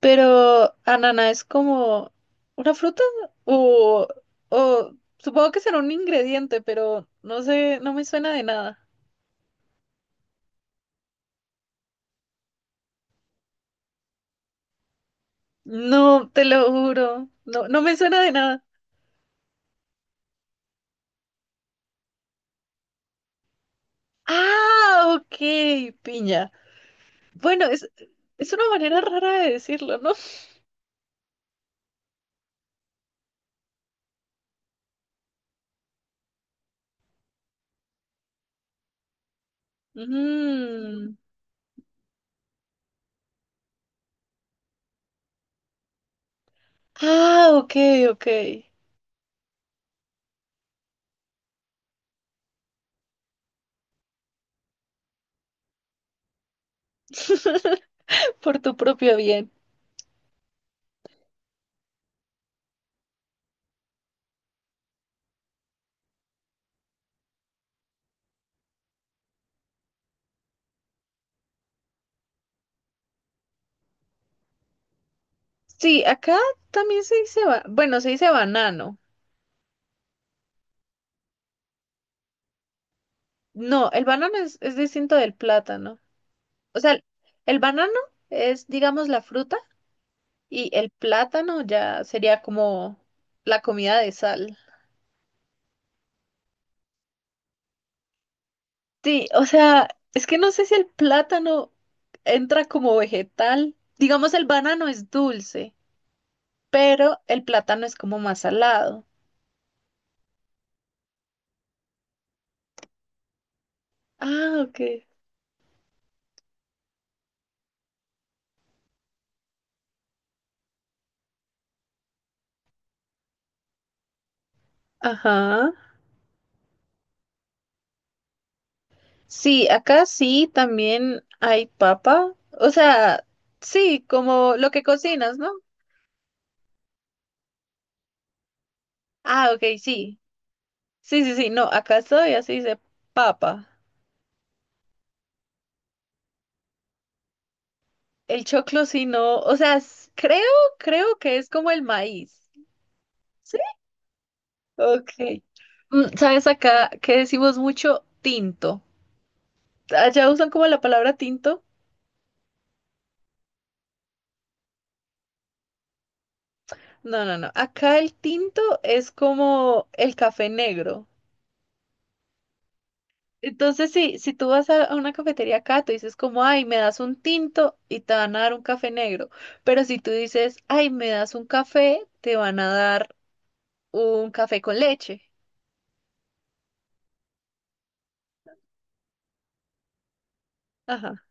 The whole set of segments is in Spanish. Pero, ¿ananá es como una fruta? O, o supongo que será un ingrediente, pero no sé, no me suena de nada. No, te lo juro. No, no me suena de nada. Ah, ok, piña. Bueno, es una manera rara de decirlo, ¿no? Mm. Ah, ok, ok. Por tu propio bien. Sí, acá también se dice, bueno, se dice banano. No, el banano es distinto del plátano. O sea, el banano es, digamos, la fruta y el plátano ya sería como la comida de sal. Sí, o sea, es que no sé si el plátano entra como vegetal. Digamos, el banano es dulce, pero el plátano es como más salado. Ah, ok. Ajá. Sí, acá sí también hay papa. O sea, sí, como lo que cocinas, ¿no? Ah, ok, sí. Sí, sí, sí, no, acá todavía se dice papa. El choclo sí no, o sea, creo que es como el maíz. ¿Sí? Ok. Mm, ¿sabes acá que decimos mucho tinto? ¿Allá usan como la palabra tinto? No, no, no. Acá el tinto es como el café negro. Entonces, sí, si tú vas a una cafetería acá, tú dices como, ay, me das un tinto y te van a dar un café negro. Pero si tú dices, ay, me das un café, te van a dar un café con leche. Ajá.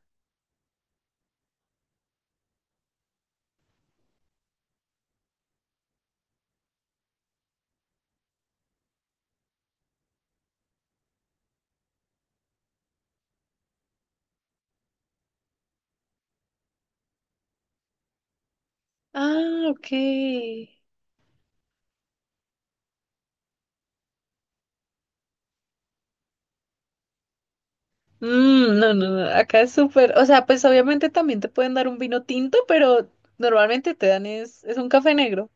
Ah, ok. Mm, no, no, no, acá es súper, o sea, pues obviamente también te pueden dar un vino tinto, pero normalmente te dan es un café negro.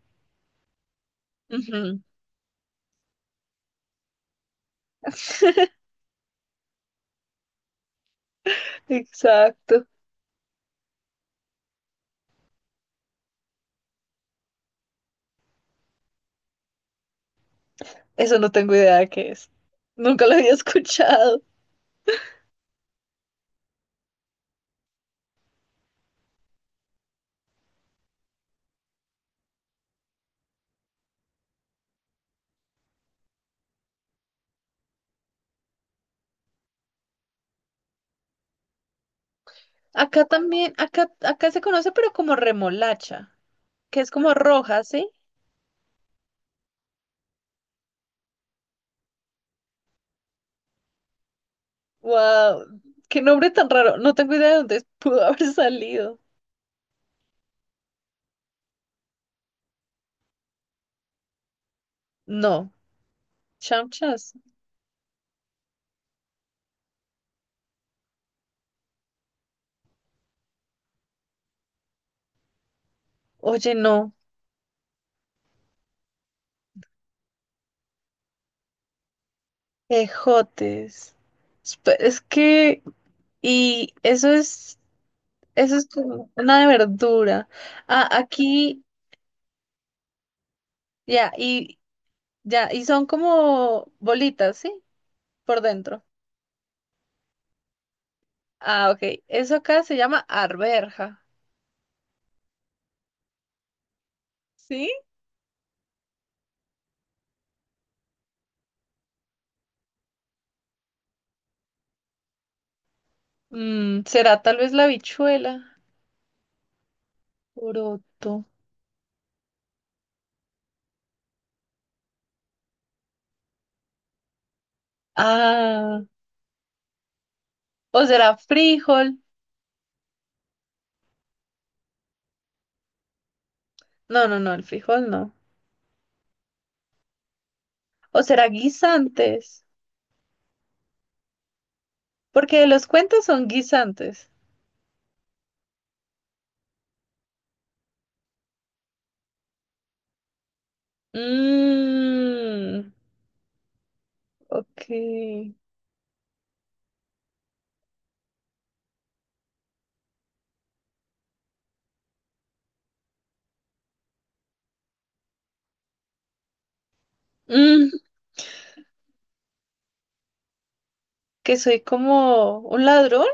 Ujú. Exacto. Eso no tengo idea de qué es. Nunca lo había escuchado. Acá también, acá se conoce, pero como remolacha, que es como roja, ¿sí? Wow, qué nombre tan raro. No tengo idea de dónde pudo haber salido. No, chamchas. Oye, no, ejotes. Es que, y eso es... Eso es como una de verdura. Ah, aquí, ya, y ya, y son como bolitas, ¿sí? Por dentro. Ah, ok. Eso acá se llama arberja. ¿Sí? Mm, será tal vez la habichuela. Poroto. Ah, o será frijol. No, no, no, el frijol no. O será guisantes. Porque los cuentos son guisantes. Mmm, ok. Mmm, que soy como un ladrón.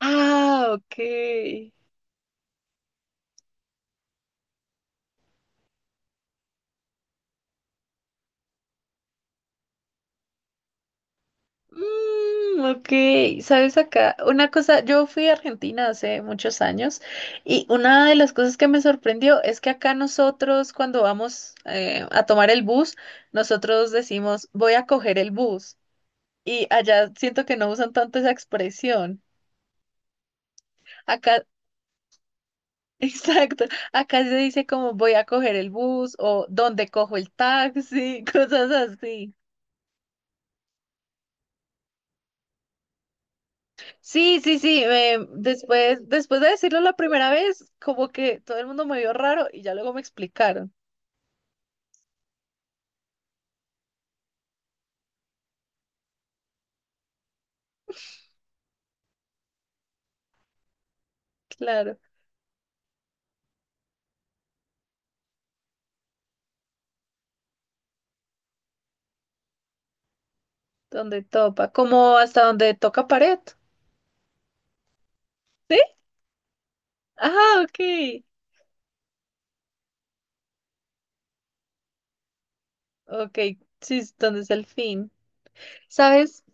Ah, ok. Mm, ok, sabes acá, una cosa, yo fui a Argentina hace muchos años y una de las cosas que me sorprendió es que acá nosotros cuando vamos a tomar el bus, nosotros decimos voy a coger el bus y allá siento que no usan tanto esa expresión. Acá, exacto, acá se dice como voy a coger el bus o dónde cojo el taxi, cosas así. Sí, sí, sí. Después de decirlo la primera vez, como que todo el mundo me vio raro y ya luego me explicaron. Claro, donde topa, como hasta donde toca pared. ¿Sí? Ah, ok. Ok, sí, es donde es el fin. ¿Sabes?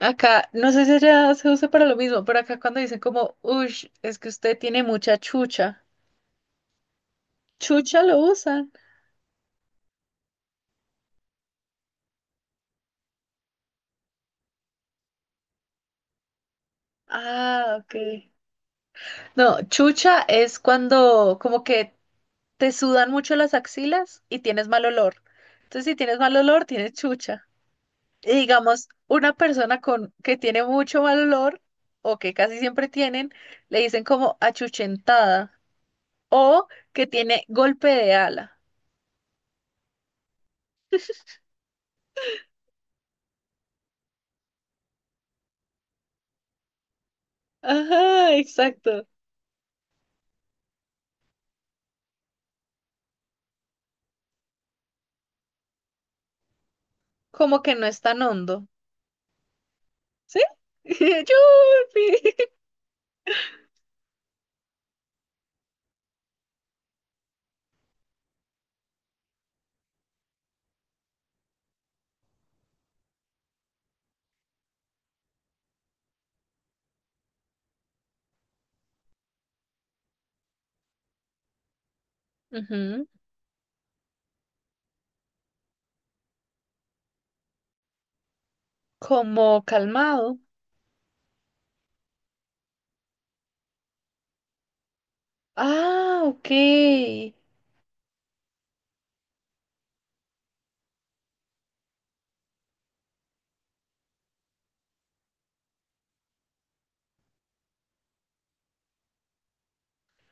Acá, no sé si ya se usa para lo mismo, pero acá cuando dicen como, ush, es que usted tiene mucha chucha. Chucha lo usan. Ah, ok. No, chucha es cuando como que te sudan mucho las axilas y tienes mal olor. Entonces, si tienes mal olor, tienes chucha. Y digamos, una persona con que tiene mucho mal olor o que casi siempre tienen, le dicen como achuchentada o que tiene golpe de ala. Ajá, exacto. Como que no es tan hondo. ¿Sí? Yupi. Ujú. Como calmado. Ah, ok.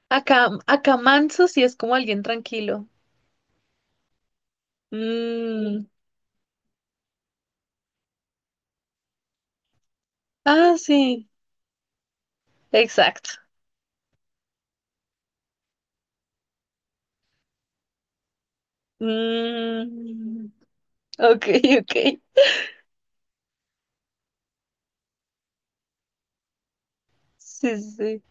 Acá, acá manso sí es como alguien tranquilo. Mm. Ah, sí, exacto. Mm, ok, ok. Sí, sí, sí.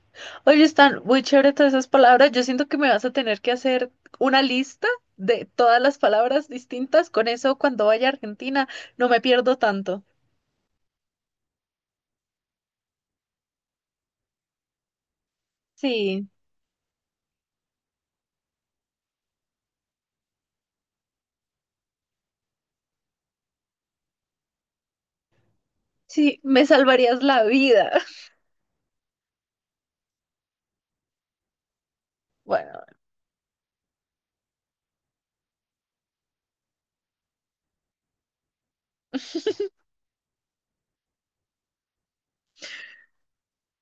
Oye, están muy chévere todas esas palabras. Yo siento que me vas a tener que hacer una lista de todas las palabras distintas. Con eso, cuando vaya a Argentina, no me pierdo tanto. Sí, sí, me salvarías la vida. Bueno,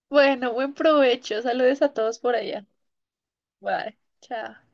bueno, buen provecho. Saludes a todos por allá. Bye, chao.